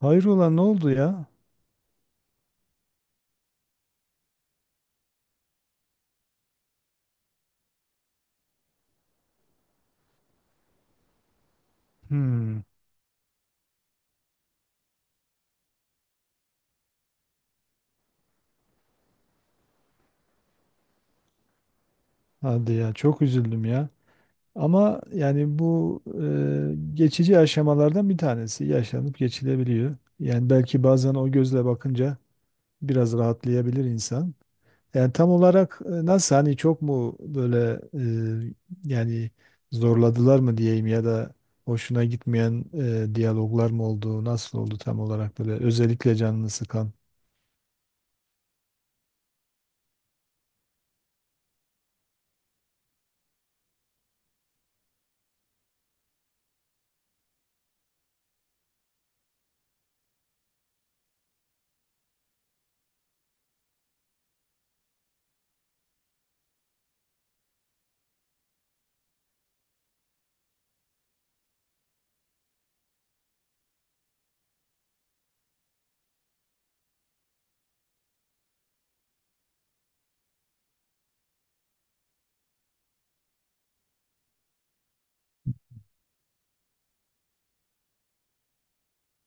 Hayrola ne oldu ya? Hmm, hadi ya çok üzüldüm ya. Ama yani bu geçici aşamalardan bir tanesi yaşanıp geçilebiliyor. Yani belki bazen o gözle bakınca biraz rahatlayabilir insan. Yani tam olarak nasıl hani çok mu böyle e, yani zorladılar mı diyeyim ya da hoşuna gitmeyen diyaloglar mı oldu? Nasıl oldu tam olarak böyle özellikle canını sıkan?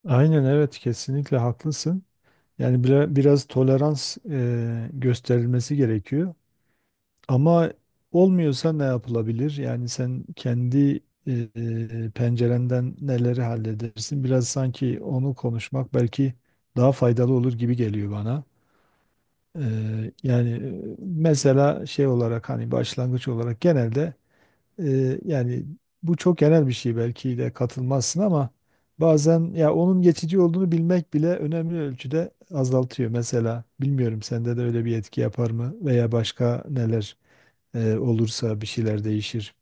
Aynen evet kesinlikle haklısın. Yani biraz tolerans gösterilmesi gerekiyor. Ama olmuyorsa ne yapılabilir? Yani sen kendi pencerenden neleri halledersin? Biraz sanki onu konuşmak belki daha faydalı olur gibi geliyor bana. E, yani mesela şey olarak hani başlangıç olarak genelde yani bu çok genel bir şey belki de katılmazsın ama bazen ya onun geçici olduğunu bilmek bile önemli ölçüde azaltıyor. Mesela bilmiyorum sende de öyle bir etki yapar mı veya başka neler olursa bir şeyler değişir.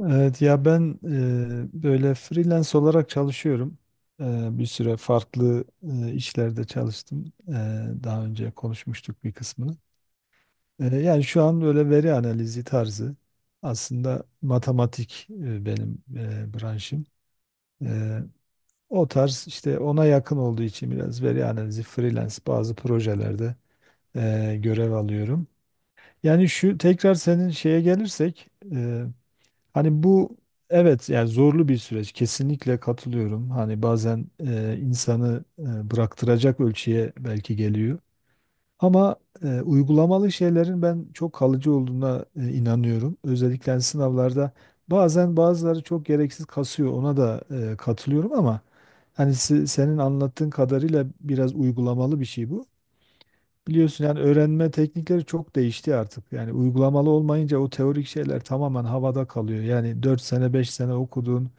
Evet ya ben böyle freelance olarak çalışıyorum. E, bir süre farklı işlerde çalıştım. Daha önce konuşmuştuk bir kısmını. Yani şu an böyle veri analizi tarzı aslında matematik benim branşım. E, o tarz işte ona yakın olduğu için biraz veri analizi freelance bazı projelerde görev alıyorum. Yani şu tekrar senin şeye gelirsek e, hani bu evet yani zorlu bir süreç kesinlikle katılıyorum. Hani bazen insanı bıraktıracak ölçüye belki geliyor. Ama uygulamalı şeylerin ben çok kalıcı olduğuna inanıyorum. Özellikle hani sınavlarda bazen bazıları çok gereksiz kasıyor. Ona da katılıyorum ama hani senin anlattığın kadarıyla biraz uygulamalı bir şey bu. Biliyorsun yani öğrenme teknikleri çok değişti artık. Yani uygulamalı olmayınca o teorik şeyler tamamen havada kalıyor. Yani 4 sene 5 sene okuduğun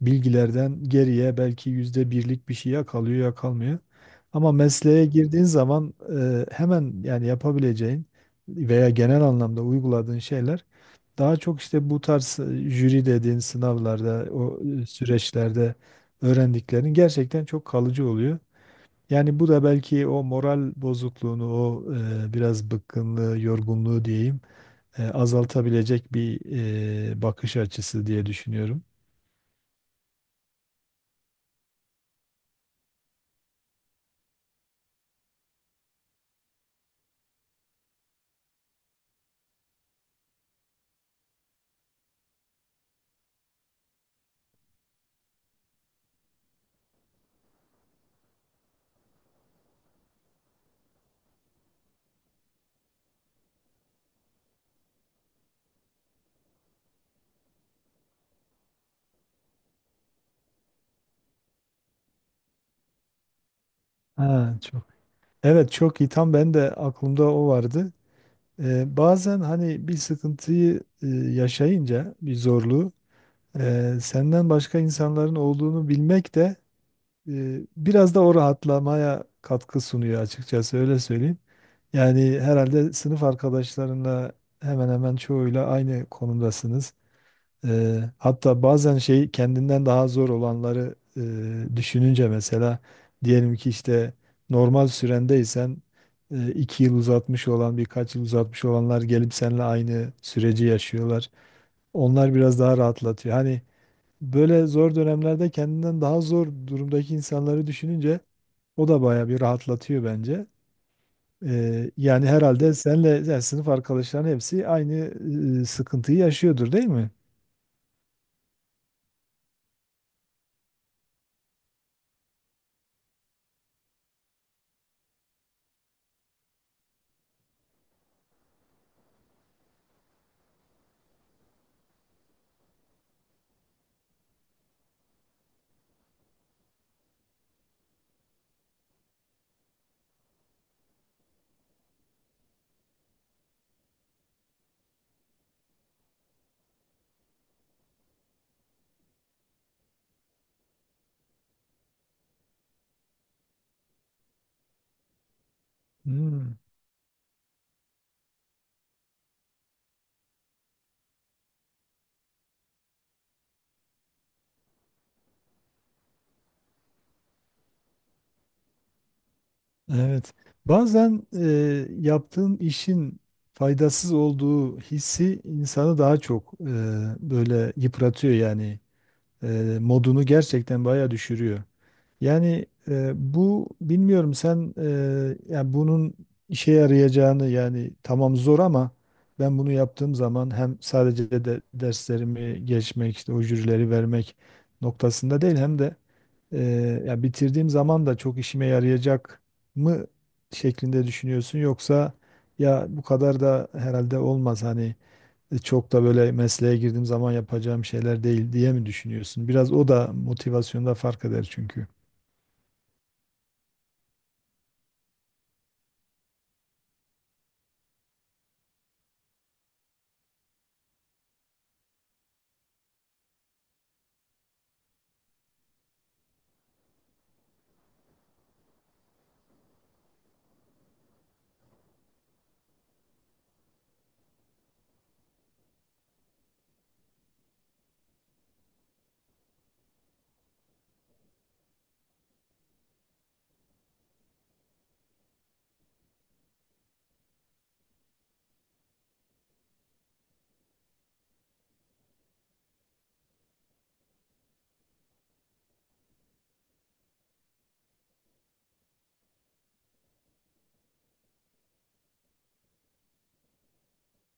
bilgilerden geriye belki %1'lik bir şey ya kalıyor ya kalmıyor. Ama mesleğe girdiğin zaman hemen yani yapabileceğin veya genel anlamda uyguladığın şeyler daha çok işte bu tarz jüri dediğin sınavlarda o süreçlerde öğrendiklerin gerçekten çok kalıcı oluyor. Yani bu da belki o moral bozukluğunu, o biraz bıkkınlığı, yorgunluğu diyeyim, azaltabilecek bir bakış açısı diye düşünüyorum. Ha, çok. Evet çok iyi. Tam ben de aklımda o vardı. Bazen hani bir sıkıntıyı yaşayınca, bir zorluğu, senden başka insanların olduğunu bilmek de biraz da o rahatlamaya katkı sunuyor açıkçası öyle söyleyeyim. Yani herhalde sınıf arkadaşlarınla hemen hemen çoğuyla aynı konumdasınız. Hatta bazen şey kendinden daha zor olanları düşününce mesela diyelim ki işte normal sürendeysen 2 yıl uzatmış olan birkaç yıl uzatmış olanlar gelip seninle aynı süreci yaşıyorlar. Onlar biraz daha rahatlatıyor. Hani böyle zor dönemlerde kendinden daha zor durumdaki insanları düşününce o da bayağı bir rahatlatıyor bence. Yani herhalde senle yani sınıf arkadaşların hepsi aynı sıkıntıyı yaşıyordur değil mi? Hmm, evet. Bazen yaptığın işin faydasız olduğu hissi insanı daha çok böyle yıpratıyor yani. Modunu gerçekten bayağı düşürüyor. Yani bu bilmiyorum sen yani bunun işe yarayacağını yani tamam zor ama ben bunu yaptığım zaman hem sadece de derslerimi geçmek işte o jürileri vermek noktasında değil hem de e, ya bitirdiğim zaman da çok işime yarayacak mı şeklinde düşünüyorsun yoksa ya bu kadar da herhalde olmaz hani çok da böyle mesleğe girdiğim zaman yapacağım şeyler değil diye mi düşünüyorsun? Biraz o da motivasyonda fark eder çünkü.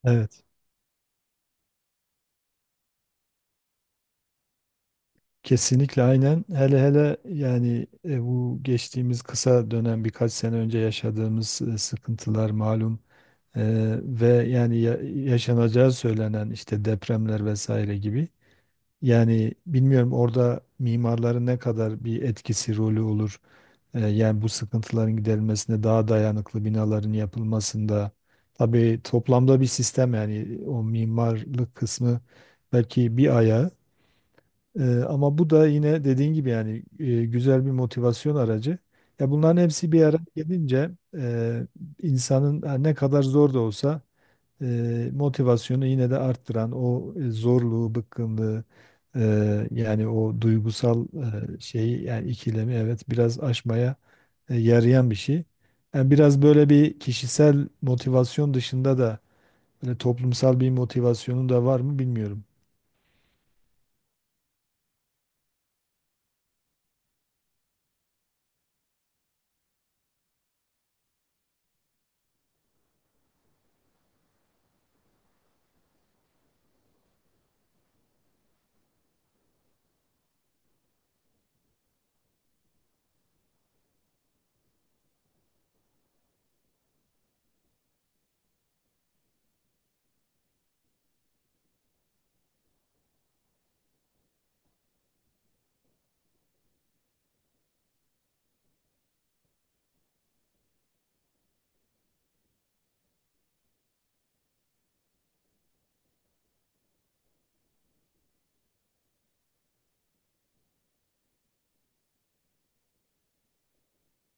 Evet. Kesinlikle aynen. Hele hele yani bu geçtiğimiz kısa dönem birkaç sene önce yaşadığımız sıkıntılar malum E, ve yani yaşanacağı söylenen işte depremler vesaire gibi. Yani bilmiyorum orada mimarların ne kadar bir etkisi rolü olur. Yani bu sıkıntıların giderilmesinde daha dayanıklı binaların yapılmasında tabii toplamda bir sistem yani o mimarlık kısmı belki bir ayağı. Ama bu da yine dediğin gibi yani güzel bir motivasyon aracı. Ya bunların hepsi bir araya gelince e, insanın ha, ne kadar zor da olsa motivasyonu yine de arttıran o zorluğu, bıkkınlığı yani o duygusal şeyi yani ikilemi evet biraz aşmaya yarayan bir şey. Yani biraz böyle bir kişisel motivasyon dışında da böyle toplumsal bir motivasyonun da var mı bilmiyorum.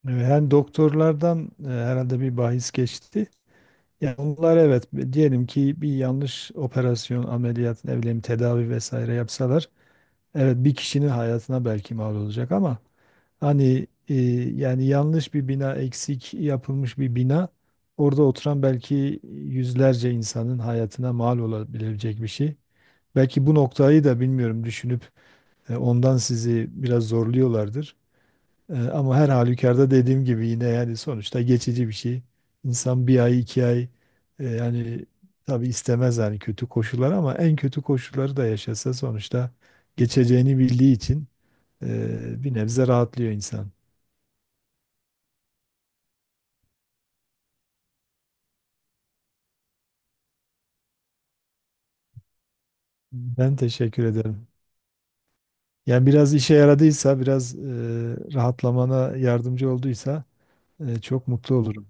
Hem doktorlardan herhalde bir bahis geçti. Yani onlar evet diyelim ki bir yanlış operasyon, ameliyat, ne bileyim tedavi vesaire yapsalar evet bir kişinin hayatına belki mal olacak ama hani yani yanlış bir bina eksik yapılmış bir bina orada oturan belki yüzlerce insanın hayatına mal olabilecek bir şey. Belki bu noktayı da bilmiyorum düşünüp ondan sizi biraz zorluyorlardır. Ama her halükarda dediğim gibi yine yani sonuçta geçici bir şey. İnsan bir ay 2 ay yani tabii istemez yani kötü koşullar ama en kötü koşulları da yaşasa sonuçta geçeceğini bildiği için bir nebze rahatlıyor insan. Ben teşekkür ederim. Yani biraz işe yaradıysa, biraz rahatlamana yardımcı olduysa çok mutlu olurum.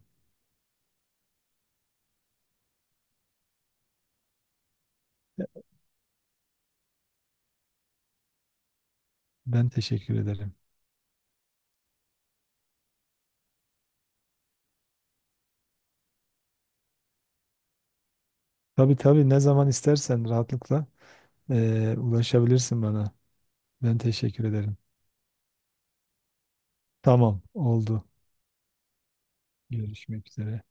Ben teşekkür ederim. Tabii tabii ne zaman istersen rahatlıkla ulaşabilirsin bana. Ben teşekkür ederim. Tamam, oldu. Görüşmek üzere.